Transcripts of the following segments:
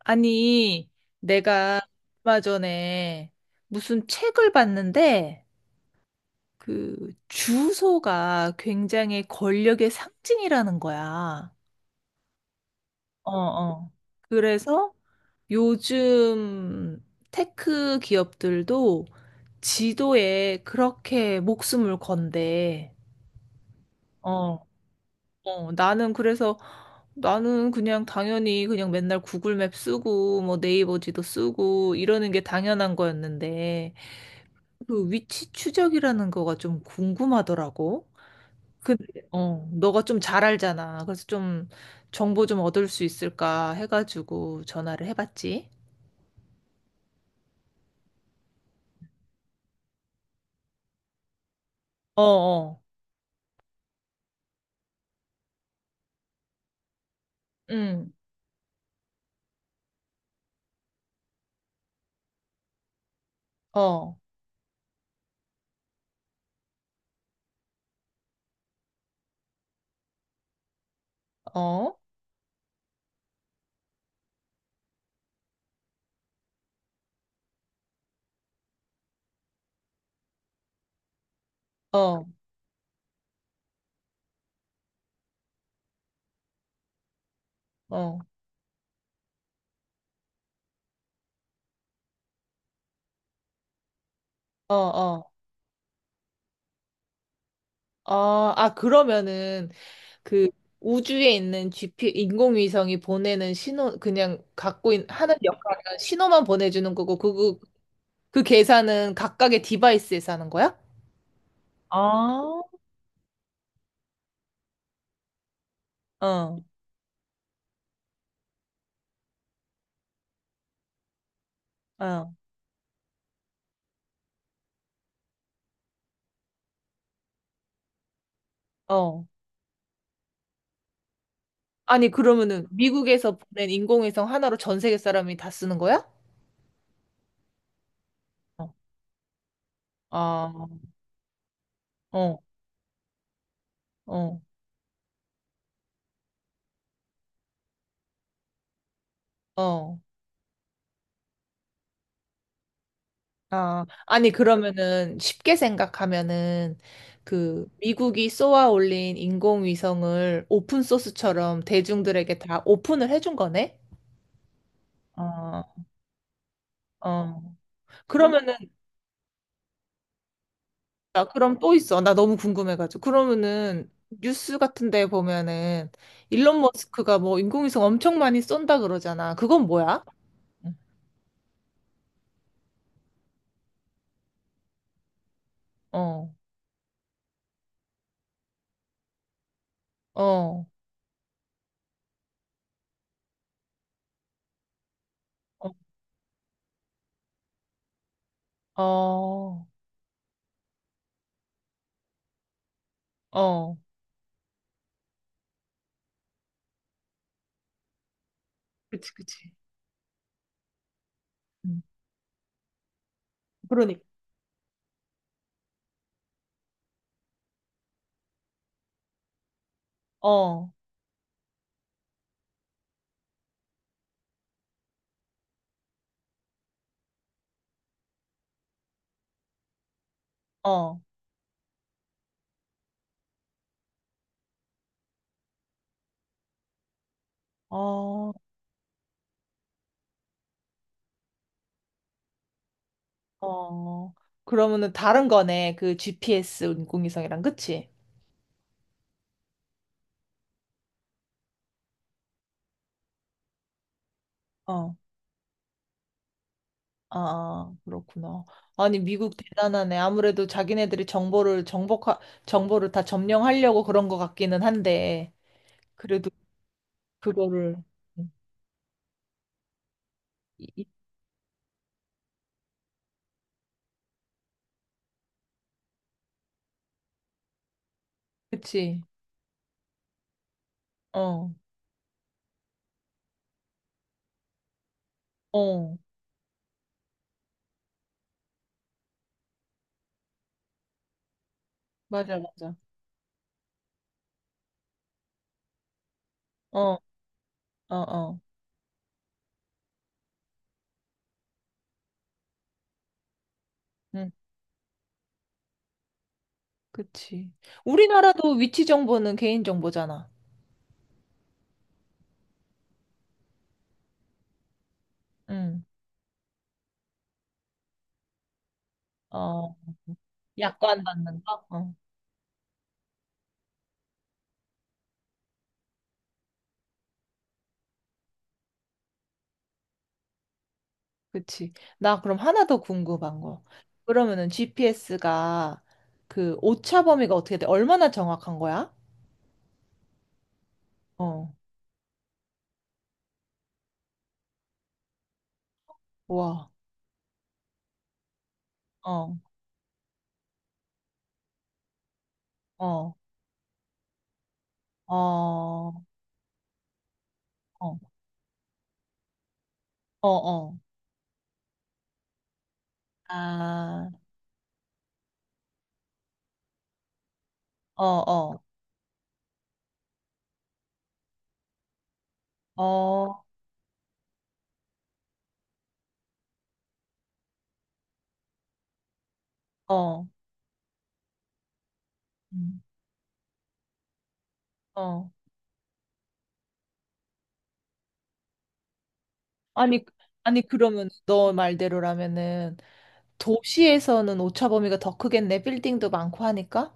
아니, 내가 얼마 전에 무슨 책을 봤는데, 그, 주소가 굉장히 권력의 상징이라는 거야. 어, 어. 그래서 요즘 테크 기업들도 지도에 그렇게 목숨을 건대. 어. 나는 그래서 나는 그냥 당연히 그냥 맨날 구글맵 쓰고 뭐 네이버 지도 쓰고 이러는 게 당연한 거였는데 그 위치 추적이라는 거가 좀 궁금하더라고. 근데 너가 좀 잘 알잖아. 그래서 좀 정보 좀 얻을 수 있을까 해가지고 전화를 해봤지. 어, 어, 응, 어, 어, 어, 어, 어, 어. 어, 어, 아, 그러면은 그 우주에 있는 GP 인공위성이 보내는 신호 그냥 갖고 있, 하는 역할은 신호만 보내주는 거고 그, 그, 그 계산은 각각의 디바이스에서 하는 거야? 아, 어, 어. 어. 아니, 그러면은 미국에서 보낸 인공위성 하나로 전 세계 사람이 다 쓰는 거야? 어. 아, 어, 어, 어. 아, 아니, 그러면은 쉽게 생각하면은 그 미국이 쏘아 올린 인공위성을 오픈소스처럼 대중들에게 다 오픈을 해준 거네? 어, 어. 그러면은, 나 그럼 또 있어. 나 너무 궁금해가지고. 그러면은 뉴스 같은 데 보면은 일론 머스크가 뭐 인공위성 엄청 많이 쏜다 그러잖아. 그건 뭐야? 어, 어, 어, 어, 어, 그치, 그치. 음. 그러니까. 어, 어, 어, 어. 그러면은 다른 거네. 그 GPS 인공위성이랑, 그치? 어, 아, 그렇구나. 아니, 미국 대단하네. 아무래도 자기네들이 정보를 정복하, 정보를 다 점령하려고 그런 것 같기는 한데, 그래도 그거를, 이- 이- 그치? 어, 어, 맞아, 맞아. 어, 어, 어. 그치. 우리나라도 위치 정보는 개인 정보잖아. 응. 어, 약관 받는 거? 어, 그치. 나 그럼 하나 더 궁금한 거. 그러면은 GPS가 그 오차 범위가 어떻게 돼? 얼마나 정확한 거야? 어, 와, 어, 어, 어, 어, 어, 어, 아, 어, 어, 어, 어, 음, 어. 아니, 아니, 그러면 너 말대로라면은 도시에서는 오차 범위가 더 크겠네. 빌딩도 많고 하니까.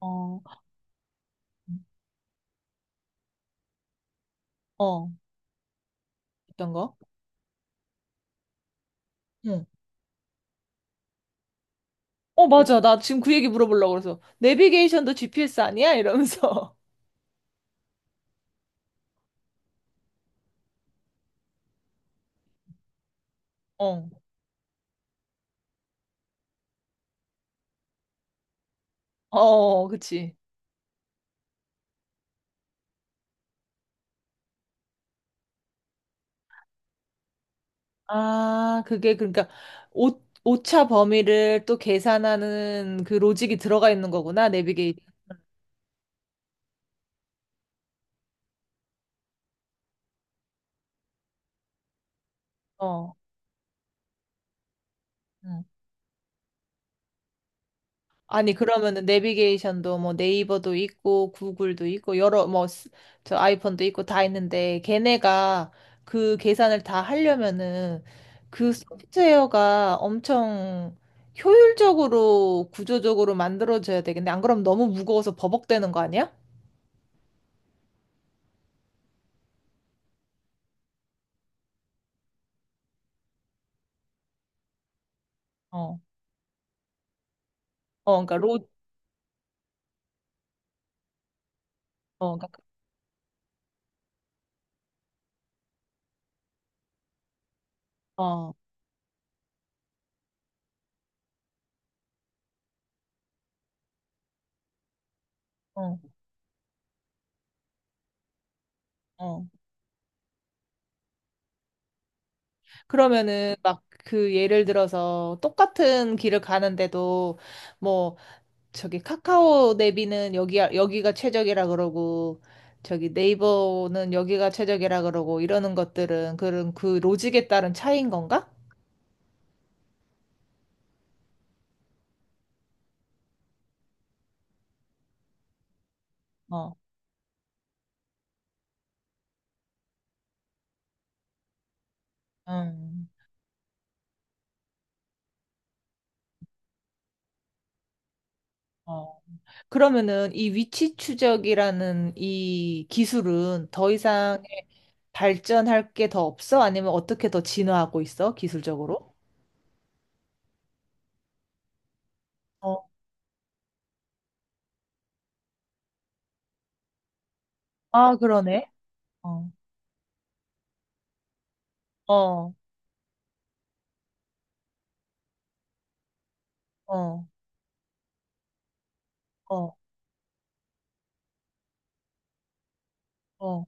어, 어. 어떤 거? 응. 어, 맞아. 나 지금 그 얘기 물어보려고 그래서. 내비게이션도 GPS 아니야? 이러면서. 어. 어, 그치. 아, 그게 그러니까 오, 오차 범위를 또 계산하는 그 로직이 들어가 있는 거구나. 내비게이션. 어. 아니, 그러면은 내비게이션도 뭐 네이버도 있고 구글도 있고 여러 뭐 저 아이폰도 있고 다 있는데 걔네가 그 계산을 다 하려면은 그 소프트웨어가 엄청 효율적으로 구조적으로 만들어져야 되겠네. 안 그럼 너무 무거워서 버벅대는 거 아니야? 어. 어, 그러니까 로 어, 그러니까 그, 어. 어. 어. 그러면은 막 그 예를 들어서 똑같은 길을 가는데도 뭐 저기 카카오 내비는 여기 여기가 최적이라 그러고 저기 네이버는 여기가 최적이라 그러고 이러는 것들은 그런 그 로직에 따른 차이인 건가? 어. 음. 어. 그러면은 이 위치 추적이라는 이 기술은 더 이상 발전할 게 더 없어? 아니면 어떻게 더 진화하고 있어? 기술적으로? 어. 아, 그러네. 어. 어. 어. 어. 어.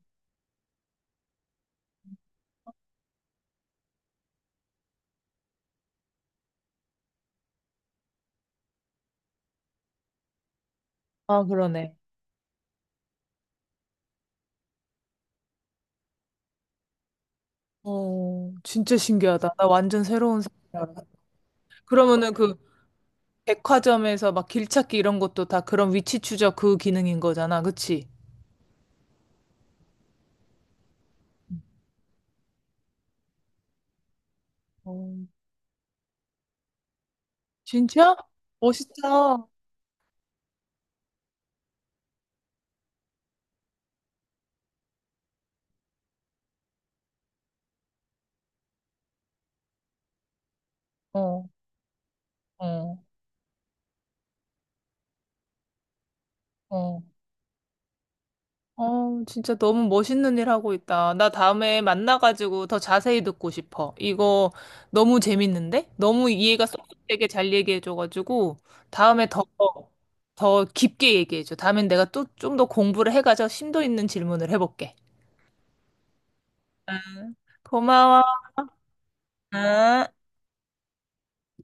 아, 그러네. 어, 진짜 신기하다. 나 완전 새로운 생각. 그러면은 그 백화점에서 막 길찾기 이런 것도 다 그런 위치 추적 그 기능인 거잖아. 그치? 어, 진짜? 멋있다. 어, 어, 어. 어, 진짜 너무 멋있는 일 하고 있다. 나 다음에 만나가지고 더 자세히 듣고 싶어. 이거 너무 재밌는데? 너무 이해가 쏙 되게 잘 얘기해줘가지고, 다음에 더, 더 깊게 얘기해줘. 다음엔 내가 또 좀 더 공부를 해가지고 심도 있는 질문을 해볼게. 응. 고마워. 응.